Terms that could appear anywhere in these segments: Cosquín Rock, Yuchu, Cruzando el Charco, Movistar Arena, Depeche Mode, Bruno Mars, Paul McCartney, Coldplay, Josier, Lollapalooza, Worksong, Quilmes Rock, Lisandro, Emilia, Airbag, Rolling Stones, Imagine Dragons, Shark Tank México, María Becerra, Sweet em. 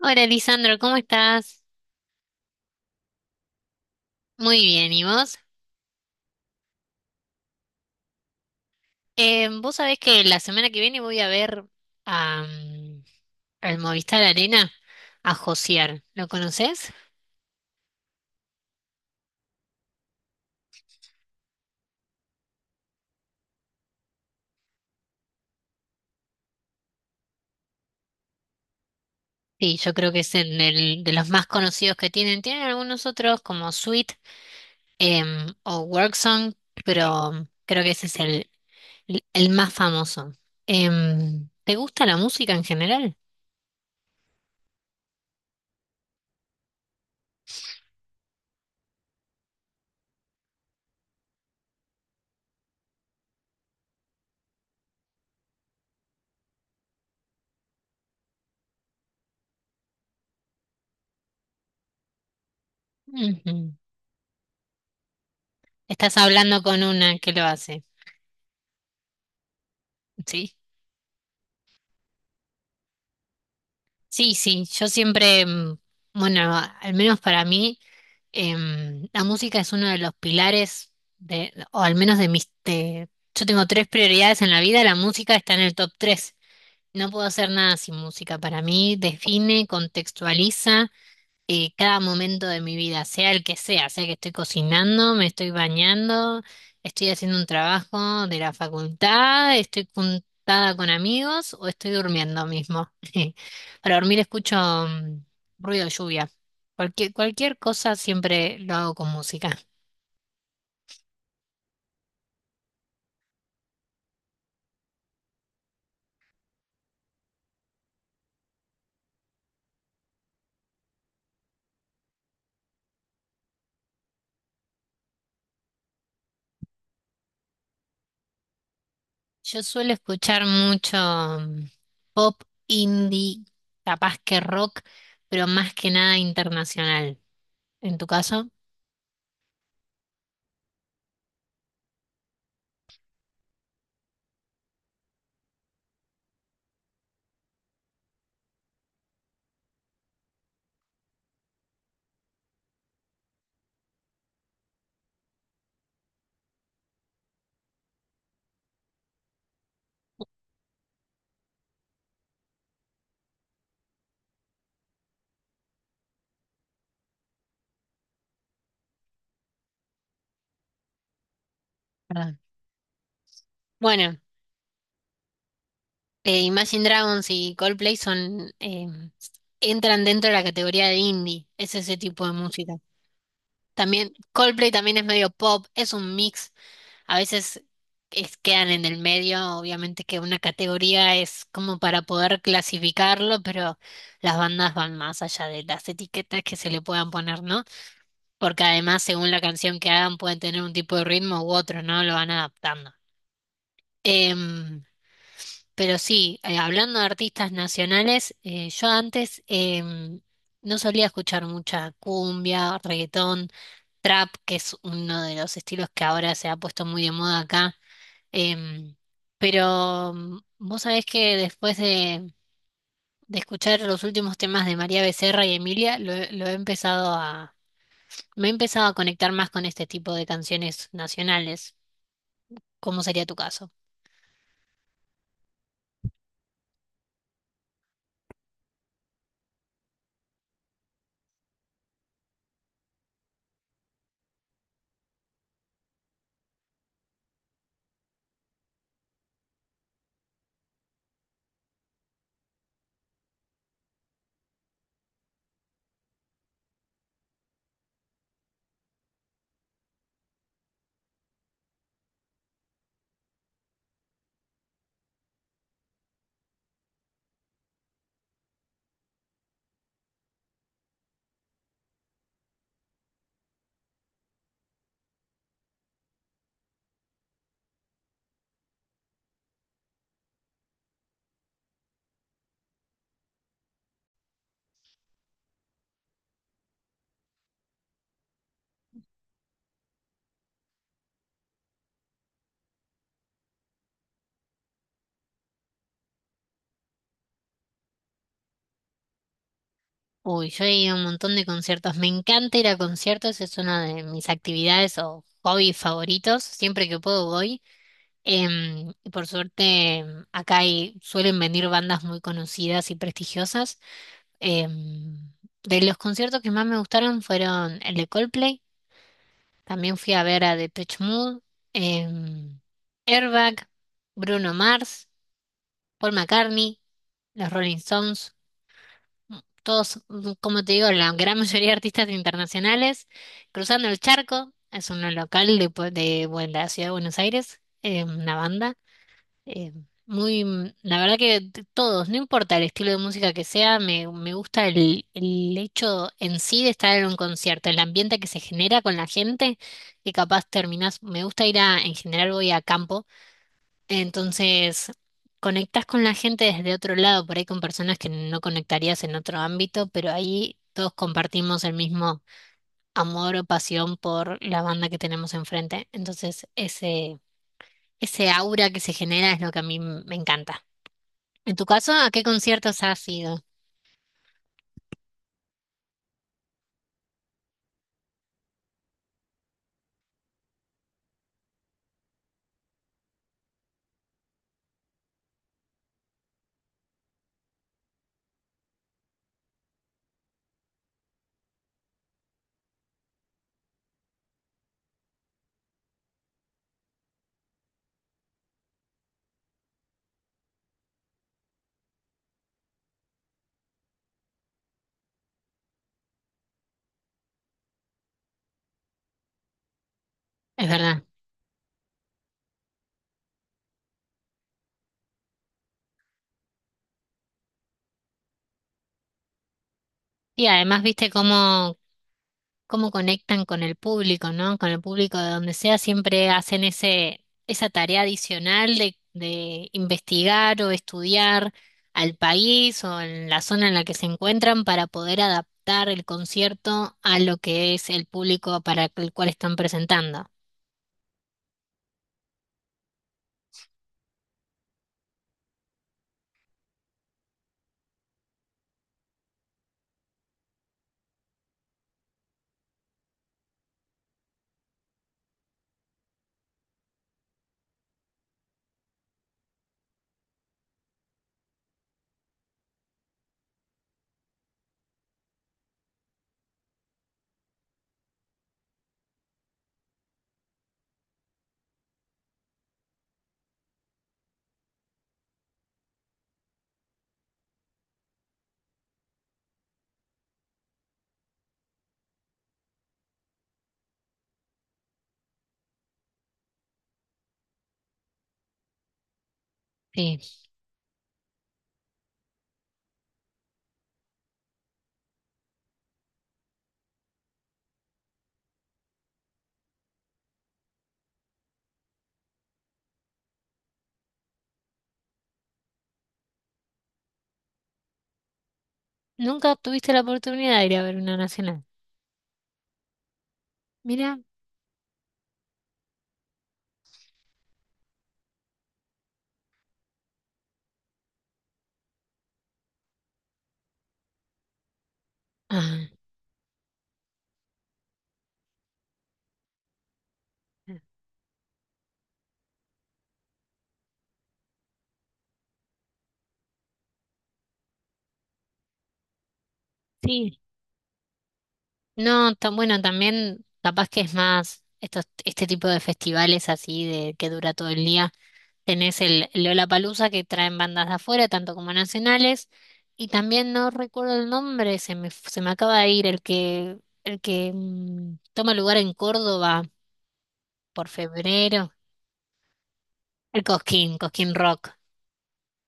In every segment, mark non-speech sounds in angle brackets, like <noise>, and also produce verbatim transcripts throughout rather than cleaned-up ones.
Hola, Lisandro, ¿cómo estás? Muy bien, ¿y vos? Eh, vos sabés que la semana que viene voy a ver a, mm, al Movistar Arena a Josier. ¿Lo conoces? Sí, yo creo que es en el, de los más conocidos que tienen. Tienen algunos otros como Sweet em, o Worksong, pero creo que ese es el, el más famoso. Em, ¿te gusta la música en general? Ujú. Estás hablando con una que lo hace, ¿sí? Sí, sí, yo siempre, mm, bueno, al menos para mí, em, la música es uno de los pilares de, o al menos de mis. De- yo tengo tres prioridades en la vida, la música está en el top tres. No puedo hacer nada sin música. Para mí define, contextualiza eh, cada momento de mi vida, sea el que sea, sea que estoy cocinando, me estoy bañando, estoy haciendo un trabajo de la facultad, estoy juntada con amigos o estoy durmiendo mismo. <laughs> Para dormir escucho mm, ruido de lluvia. Cualquier, cualquier cosa siempre lo hago con música. Yo suelo escuchar mucho mm, pop, indie, capaz que rock, pero más que nada internacional. ¿En tu caso? Perdón. Bueno. eh, Imagine Dragons y Coldplay son, eh, entran dentro de la categoría de indie, es ese tipo de música. También Coldplay también es medio pop, es un mix. A veces es- quedan en el medio, obviamente que una categoría es como para poder clasificarlo, pero las bandas van más allá de las etiquetas que se le puedan poner, ¿no? Porque además, según la canción que hagan, pueden tener un tipo de ritmo u otro, ¿no? Lo van adaptando. Em, Pero sí, eh, hablando de artistas nacionales, eh, yo antes em, no solía escuchar mucha cumbia, reggaetón, trap, que es uno de los estilos que ahora se ha puesto muy de moda acá. em, pero mm, vos sabés que después de, de escuchar los últimos temas de María Becerra y Emilia, lo, he lo he empezado a, me he empezado a conectar más con este tipo de canciones nacionales. ¿Cómo sería tu caso? Uy, yo he ido a un montón de conciertos. Me encanta ir a conciertos, es una de mis actividades o hobbies favoritos. Siempre que puedo voy. Em, y por suerte, em, acá hay, suelen venir bandas muy conocidas y prestigiosas. Em, de los conciertos que más me gustaron fueron el de Coldplay. También fui a ver a Depeche Mode, em, Airbag, Bruno Mars, Paul McCartney, los Rolling Stones. Todos, mm, como te digo, la gran mayoría de artistas internacionales, Cruzando el Charco, es un local de, pu- de, bueno, la ciudad de Buenos Aires, eh, una banda. eh, muy, mm, la verdad que t- todos, no importa el estilo de música que sea, me, me gusta el, el hecho en sí de estar en un concierto, el ambiente que se genera con la gente, que capaz terminás, me gusta ir a, en general voy a campo entonces, conectas con la gente desde otro lado, por ahí con personas que no conectarías en otro ámbito, pero ahí todos compartimos el mismo amor o pasión por la banda que tenemos enfrente. Entonces, ese, ese aura que se genera es lo que a mí m- me encanta. En tu caso, ¿a qué conciertos has ido? Es verdad. Y además, ¿viste cómo, cómo conectan con el público, no? Con el público de donde sea, siempre hacen ese, esa tarea adicional de, de investigar o estudiar al país o en la zona en la que se encuentran para poder adaptar el concierto a lo que es el público para el cual están presentando. Sí. ¿Nunca tuviste la oportunidad de ir a ver una nacional? Mira. Ah, sí. No, tan bueno, también capaz que es más estos, este tipo de festivales así de que dura todo el día. Tenés el Lollapalooza que traen bandas de afuera, tanto como nacionales, y también no recuerdo el nombre, se me, se me acaba de ir el que, el que mm, toma lugar en Córdoba por febrero. El Cosquín, Cosquín Rock.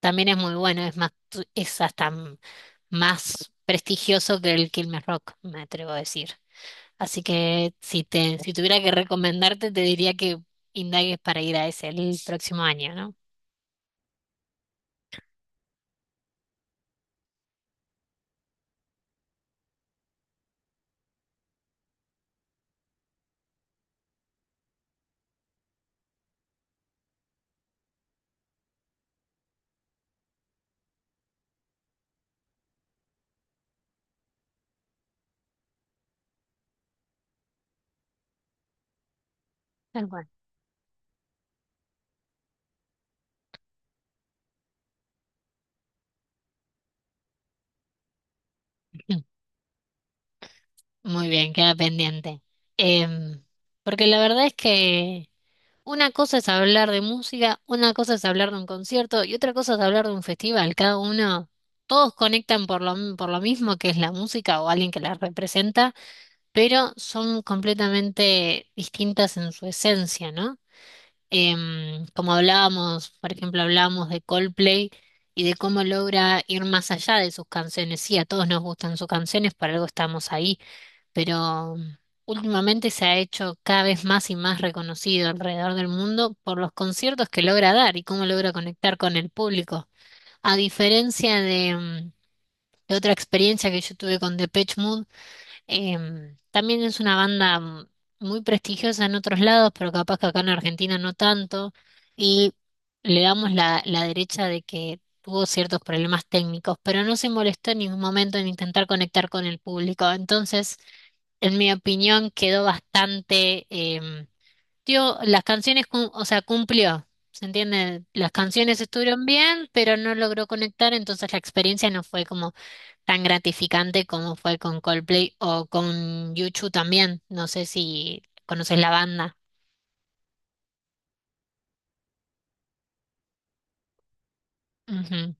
También es muy bueno, es más, tu- es hasta m- más prestigioso que el Quilmes Rock, me atrevo a decir. Así que si te, si tuviera que recomendarte, te diría que indagues para ir a ese el próximo año, ¿no? Tal cual. Muy bien, queda pendiente. Em, porque la verdad es que una cosa es hablar de música, una cosa es hablar de un concierto y otra cosa es hablar de un festival. Cada uno, todos conectan por lo, m- por lo mismo que es la música o alguien que la representa, pero son completamente distintas en su esencia, ¿no? Em, como hablábamos, por ejemplo, hablábamos de Coldplay y de cómo logra ir más allá de sus canciones. Sí, a todos nos gustan sus canciones, por algo estamos ahí, pero mm, últimamente se ha hecho cada vez más y más reconocido alrededor del mundo por los conciertos que logra dar y cómo logra conectar con el público. A diferencia de, mm, de otra experiencia que yo tuve con Depeche Mode, em, también es una banda mm, muy prestigiosa en otros lados, pero capaz que acá en Argentina no tanto, y le damos la, la derecha de que tuvo ciertos problemas técnicos, pero no se molestó en ningún momento en intentar conectar con el público. Entonces, en mi opinión, quedó bastante, em, tío, las canciones, cum- o sea, cumplió, ¿se entiende? Las canciones estuvieron bien, pero no logró conectar, entonces la experiencia no fue como tan gratificante como fue con Coldplay o con Yuchu también. No sé si conoces la banda. Ujú.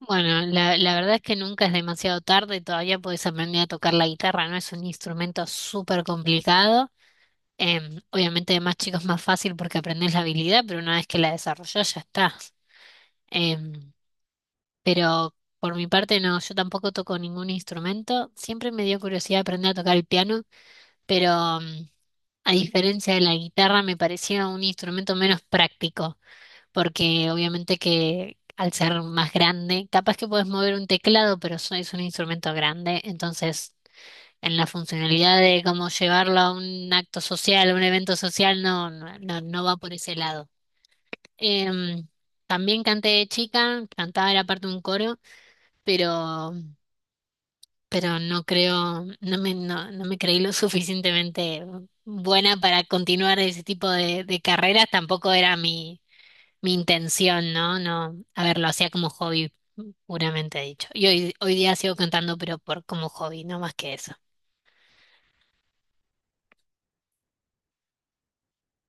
Bueno, la, la verdad es que nunca es demasiado tarde, todavía puedes aprender a tocar la guitarra, ¿no? Es un instrumento súper complicado. Em, obviamente de más chicos más fácil porque aprendes la habilidad, pero una vez que la desarrollas ya está. Em, pero por mi parte no, yo tampoco toco ningún instrumento. Siempre me dio curiosidad aprender a tocar el piano, pero mm, a diferencia de la guitarra me parecía un instrumento menos práctico, porque obviamente que al ser más grande, capaz que puedes mover un teclado, pero so- es un instrumento grande, entonces en la funcionalidad de cómo llevarlo a un acto social, a un evento social, no, no, no, no va por ese lado. Em, también canté de chica, cantaba era parte de un coro, pero, pero no creo, no me, no, no me creí lo <laughs> suficientemente buena para continuar ese tipo de, de carreras, tampoco era mi, mi intención, ¿no? No, a ver, lo hacía como hobby, puramente dicho. Y hoy, hoy día sigo cantando, pero por como hobby, no más que eso.